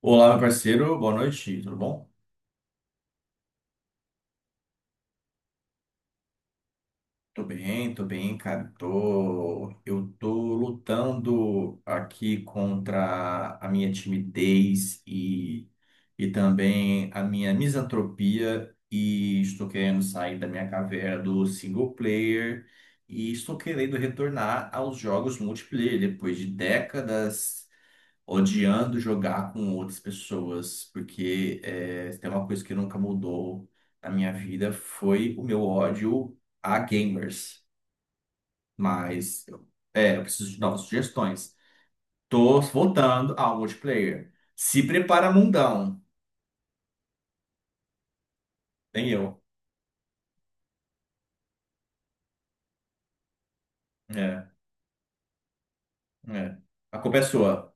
Olá, meu parceiro, boa noite, tudo bom? Tô bem, cara. Eu tô lutando aqui contra a minha timidez e também a minha misantropia e estou querendo sair da minha caverna do single player e estou querendo retornar aos jogos multiplayer depois de décadas odiando jogar com outras pessoas, porque se tem uma coisa que nunca mudou na minha vida foi o meu ódio a gamers. Mas eu preciso de novas sugestões. Tô voltando ao multiplayer. Se prepara, mundão. Tem eu. É, é. A culpa é sua.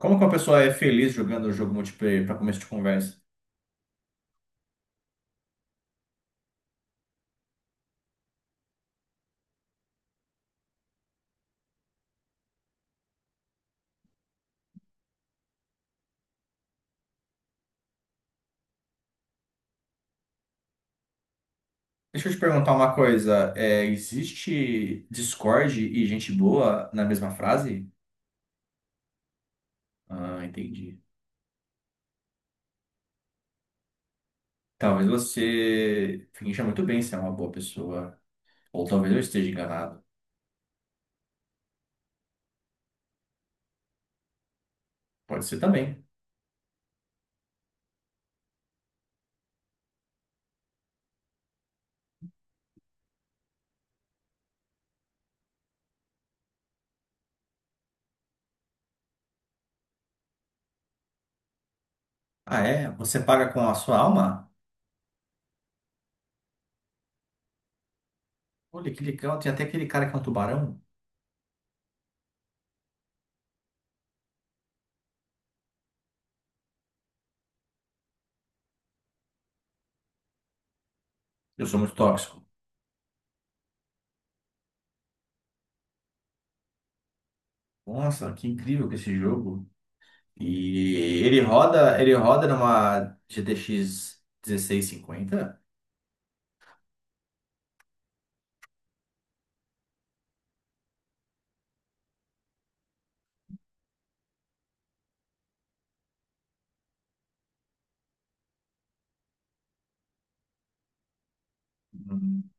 Como que uma pessoa é feliz jogando o jogo multiplayer para começo de conversa? Deixa eu te perguntar uma coisa. É, existe Discord e gente boa na mesma frase? Ah, entendi. Talvez você finja muito bem ser uma boa pessoa. Ou talvez eu esteja enganado. Pode ser também. Ah, é? Você paga com a sua alma? Olha, que legal. Tem até aquele cara que é um tubarão. Eu sou muito tóxico. Nossa, que incrível que é esse jogo. E ele roda numa GTX 50. Hum.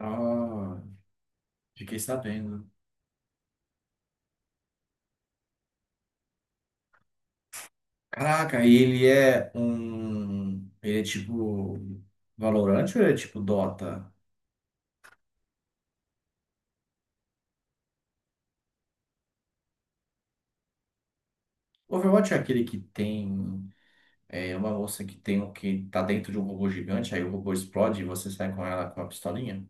Ah, fiquei sabendo. Caraca, e ele é um. Ele é tipo. Valorant ou ele é tipo Dota? Overwatch é aquele que tem. É uma moça que tem um que tá dentro de um robô gigante, aí o robô explode e você sai com ela com uma pistolinha.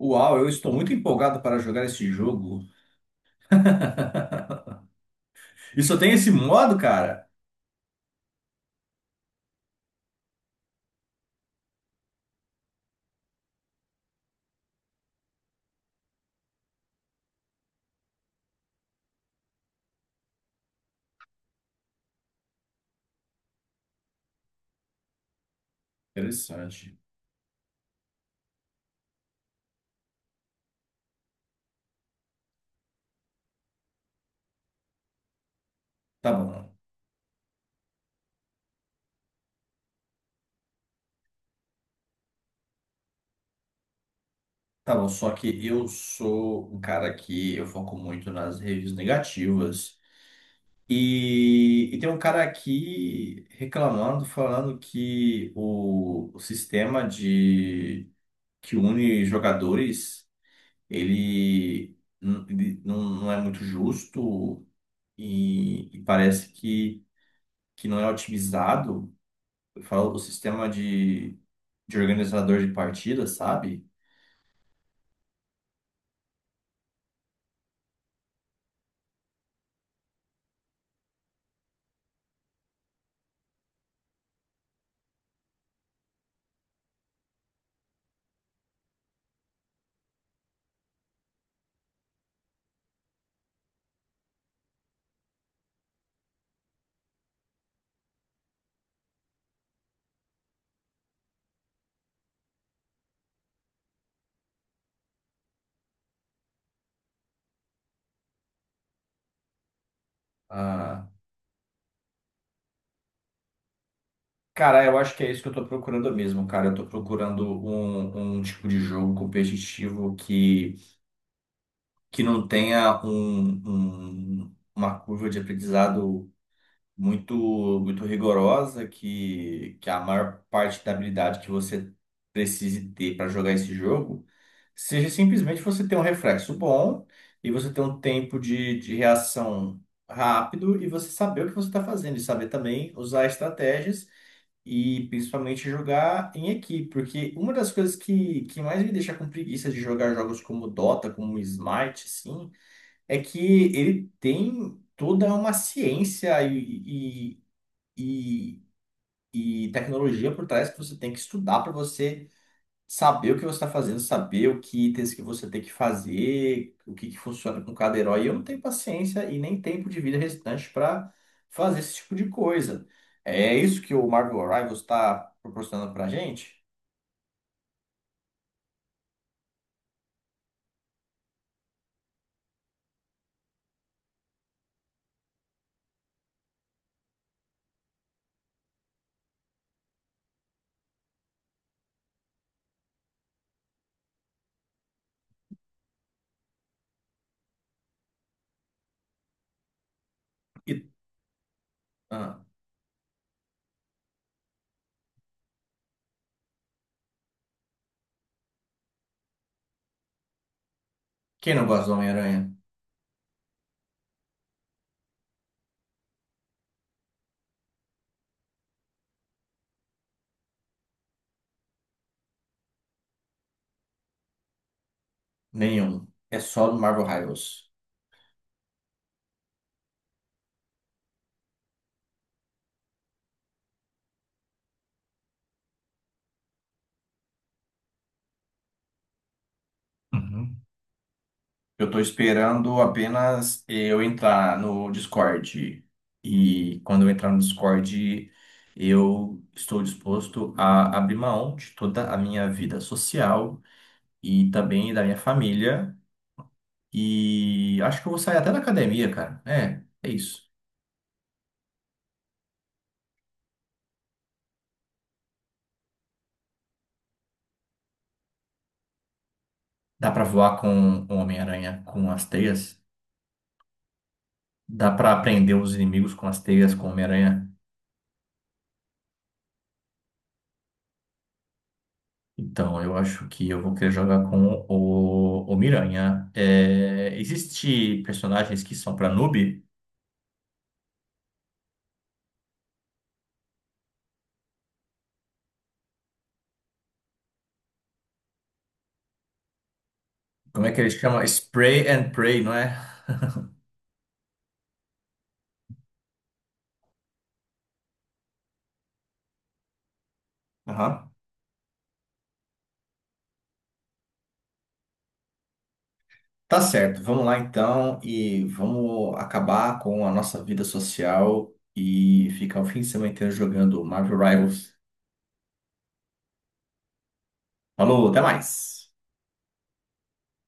Uau, eu estou muito empolgado para jogar esse jogo. E só tem esse modo, cara? Interessante. Tá bom. Tá bom, só que eu sou um cara que eu foco muito nas reviews negativas. E tem um cara aqui reclamando, falando que o sistema de que une jogadores. Ele não, não é muito justo e parece que não é otimizado. Eu falo o sistema de organizador de partidas, sabe? Ah, cara, eu acho que é isso que eu tô procurando mesmo, cara. Eu tô procurando um tipo de jogo competitivo que não tenha uma curva de aprendizado muito muito rigorosa que a maior parte da habilidade que você precise ter para jogar esse jogo seja simplesmente você ter um reflexo bom e você ter um tempo de reação rápido e você saber o que você está fazendo e saber também usar estratégias e principalmente jogar em equipe, porque uma das coisas que mais me deixa com preguiça de jogar jogos como Dota, como Smite, assim, é que ele tem toda uma ciência e, e tecnologia por trás que você tem que estudar para você saber o que você está fazendo, saber o que itens que você tem que fazer, o que, que funciona com cada herói. Eu não tenho paciência e nem tempo de vida restante para fazer esse tipo de coisa. É isso que o Marvel Rivals está proporcionando para gente. E ah, Quem não gosta do Homem-Aranha? Nenhum. É só do Marvel Rivals. Eu tô esperando apenas eu entrar no Discord. E quando eu entrar no Discord, eu estou disposto a abrir mão de toda a minha vida social e também da minha família. E acho que eu vou sair até da academia, cara. É, é isso. Dá pra voar com o Homem-Aranha com as teias? Dá pra prender os inimigos com as teias com o Homem-Aranha? Então, eu acho que eu vou querer jogar com o Miranha. É, existe personagens que são para noob? Como é que eles chamam? Spray and Pray, não é? Aham. Tá certo, vamos lá então e vamos acabar com a nossa vida social e ficar o fim de semana inteiro jogando Marvel Rivals. Falou, até mais!